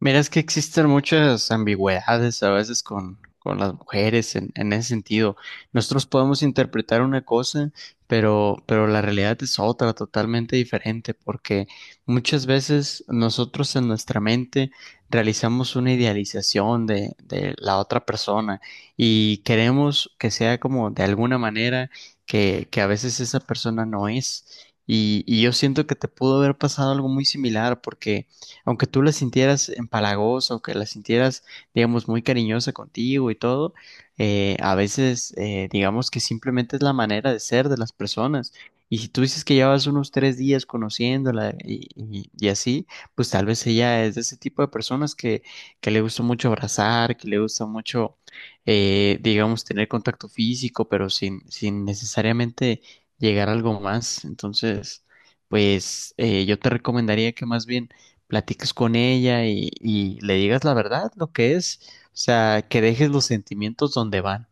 Mira, es que existen muchas ambigüedades a veces con las mujeres en ese sentido. Nosotros podemos interpretar una cosa, pero la realidad es otra, totalmente diferente, porque muchas veces nosotros en nuestra mente realizamos una idealización de la otra persona y queremos que sea como de alguna manera que a veces esa persona no es. Y yo siento que te pudo haber pasado algo muy similar porque aunque tú la sintieras empalagosa o que la sintieras, digamos, muy cariñosa contigo y todo, a veces, digamos que simplemente es la manera de ser de las personas. Y si tú dices que llevas unos tres días conociéndola y así, pues tal vez ella es de ese tipo de personas que le gusta mucho abrazar, que le gusta mucho, digamos, tener contacto físico, pero sin necesariamente llegar a algo más. Entonces, pues yo te recomendaría que más bien platiques con ella y le digas la verdad, lo que es, o sea, que dejes los sentimientos donde van.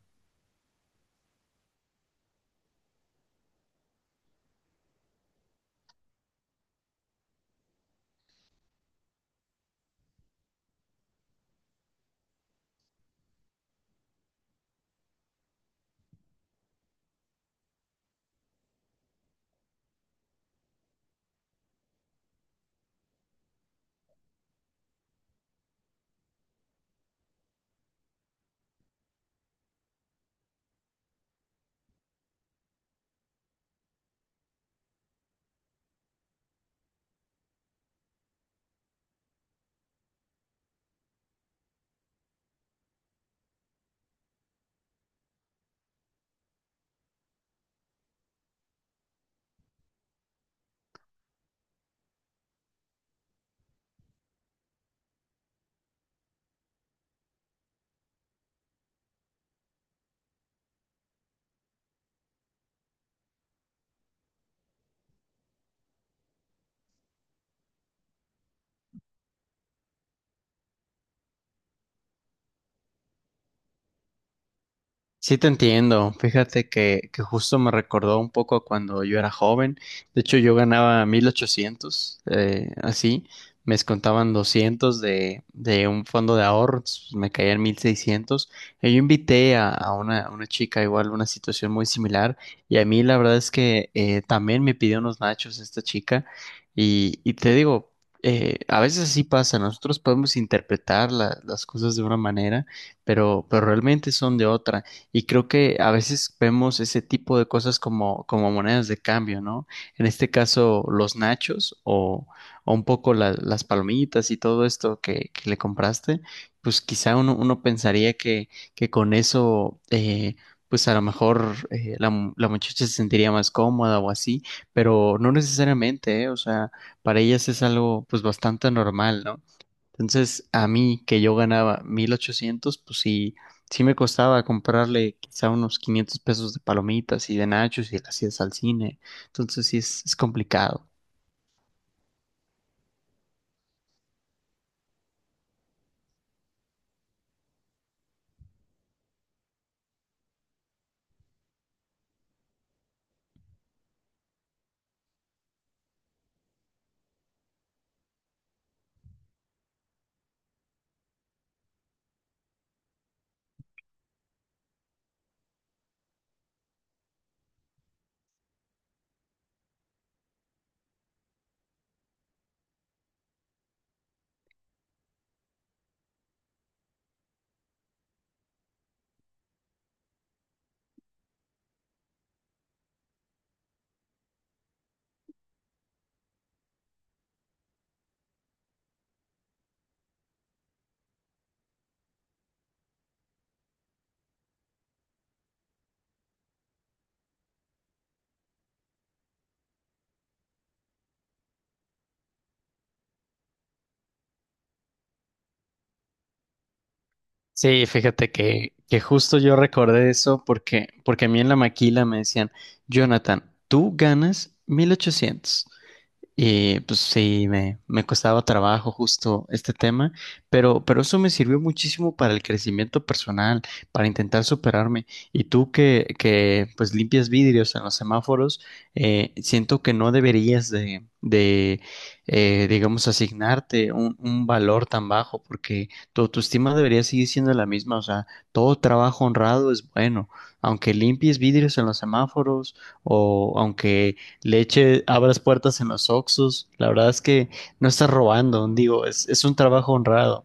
Sí, te entiendo. Fíjate que justo me recordó un poco a cuando yo era joven. De hecho, yo ganaba 1800, así. Me descontaban 200 de un fondo de ahorros, pues, me caían 1600. Y yo invité a una chica igual, una situación muy similar. Y a mí la verdad es que también me pidió unos nachos esta chica. Y te digo, a veces así pasa. Nosotros podemos interpretar las cosas de una manera, pero realmente son de otra. Y creo que a veces vemos ese tipo de cosas como monedas de cambio, ¿no? En este caso, los nachos o un poco las palomitas y todo esto que le compraste, pues quizá uno pensaría que con eso, pues a lo mejor la muchacha se sentiría más cómoda o así, pero no necesariamente, ¿eh? O sea, para ellas es algo pues bastante normal, ¿no? Entonces, a mí que yo ganaba 1800, pues sí, sí me costaba comprarle quizá unos 500 pesos de palomitas y de nachos y las idas al cine. Entonces, sí es complicado. Sí, fíjate que justo yo recordé eso porque a mí en la maquila me decían, Jonathan, tú ganas 1800. Y pues sí, me costaba trabajo justo este tema, pero eso me sirvió muchísimo para el crecimiento personal, para intentar superarme. Y tú que pues limpias vidrios en los semáforos, siento que no deberías de digamos, asignarte un valor tan bajo, porque tu autoestima debería seguir siendo la misma. O sea, todo trabajo honrado es bueno, aunque limpies vidrios en los semáforos o aunque leche, abras puertas en los Oxxos. La verdad es que no estás robando, digo, es un trabajo honrado.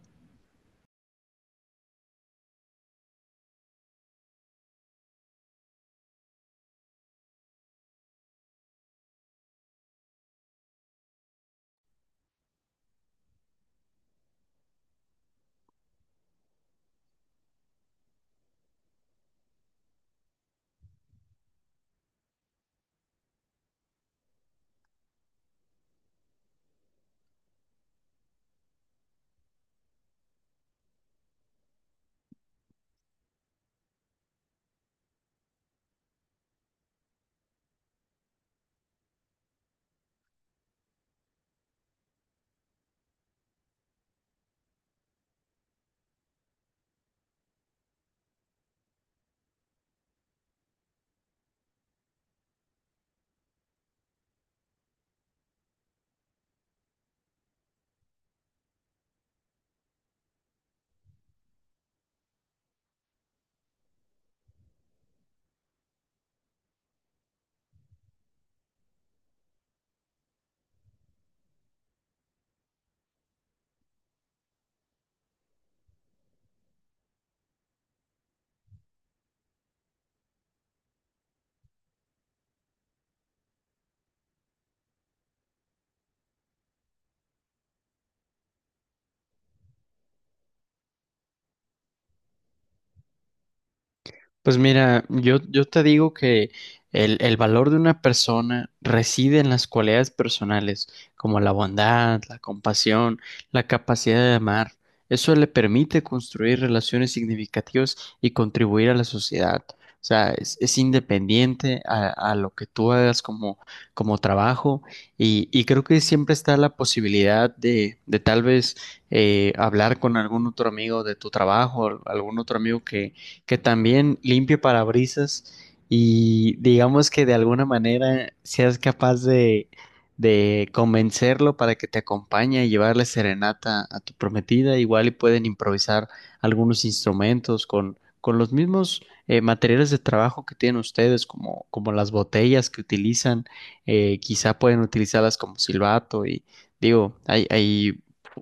Pues mira, yo te digo que el valor de una persona reside en las cualidades personales, como la bondad, la compasión, la capacidad de amar. Eso le permite construir relaciones significativas y contribuir a la sociedad. O sea, es independiente a lo que tú hagas como trabajo y creo que siempre está la posibilidad de tal vez hablar con algún otro amigo de tu trabajo, algún otro amigo que también limpie parabrisas y digamos que de alguna manera seas capaz de convencerlo para que te acompañe y llevarle serenata a tu prometida. Igual y pueden improvisar algunos instrumentos con los mismos materiales de trabajo que tienen ustedes, como las botellas que utilizan, quizá pueden utilizarlas como silbato y digo, hay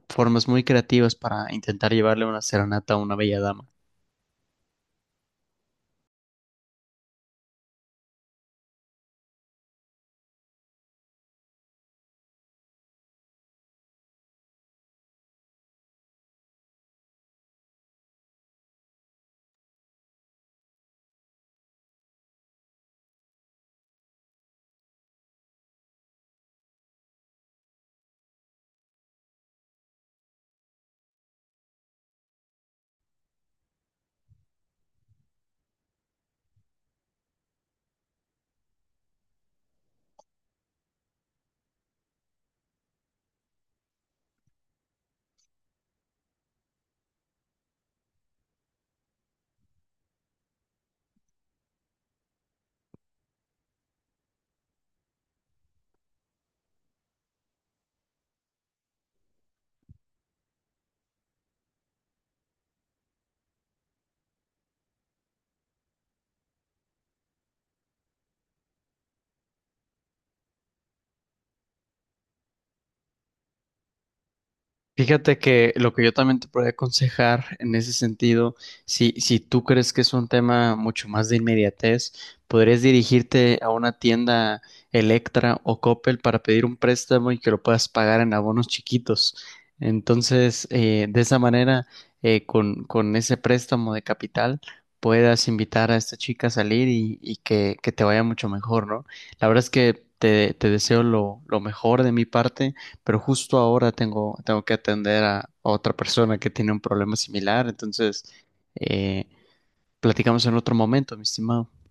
formas muy creativas para intentar llevarle una serenata a una bella dama. Fíjate que lo que yo también te podría aconsejar en ese sentido, si tú crees que es un tema mucho más de inmediatez, podrías dirigirte a una tienda Electra o Coppel para pedir un préstamo y que lo puedas pagar en abonos chiquitos. Entonces, de esa manera, con ese préstamo de capital, puedas invitar a esta chica a salir y que te vaya mucho mejor, ¿no? La verdad es que te deseo lo mejor de mi parte, pero justo ahora tengo que atender a otra persona que tiene un problema similar, entonces eh, platicamos en otro momento, mi estimado.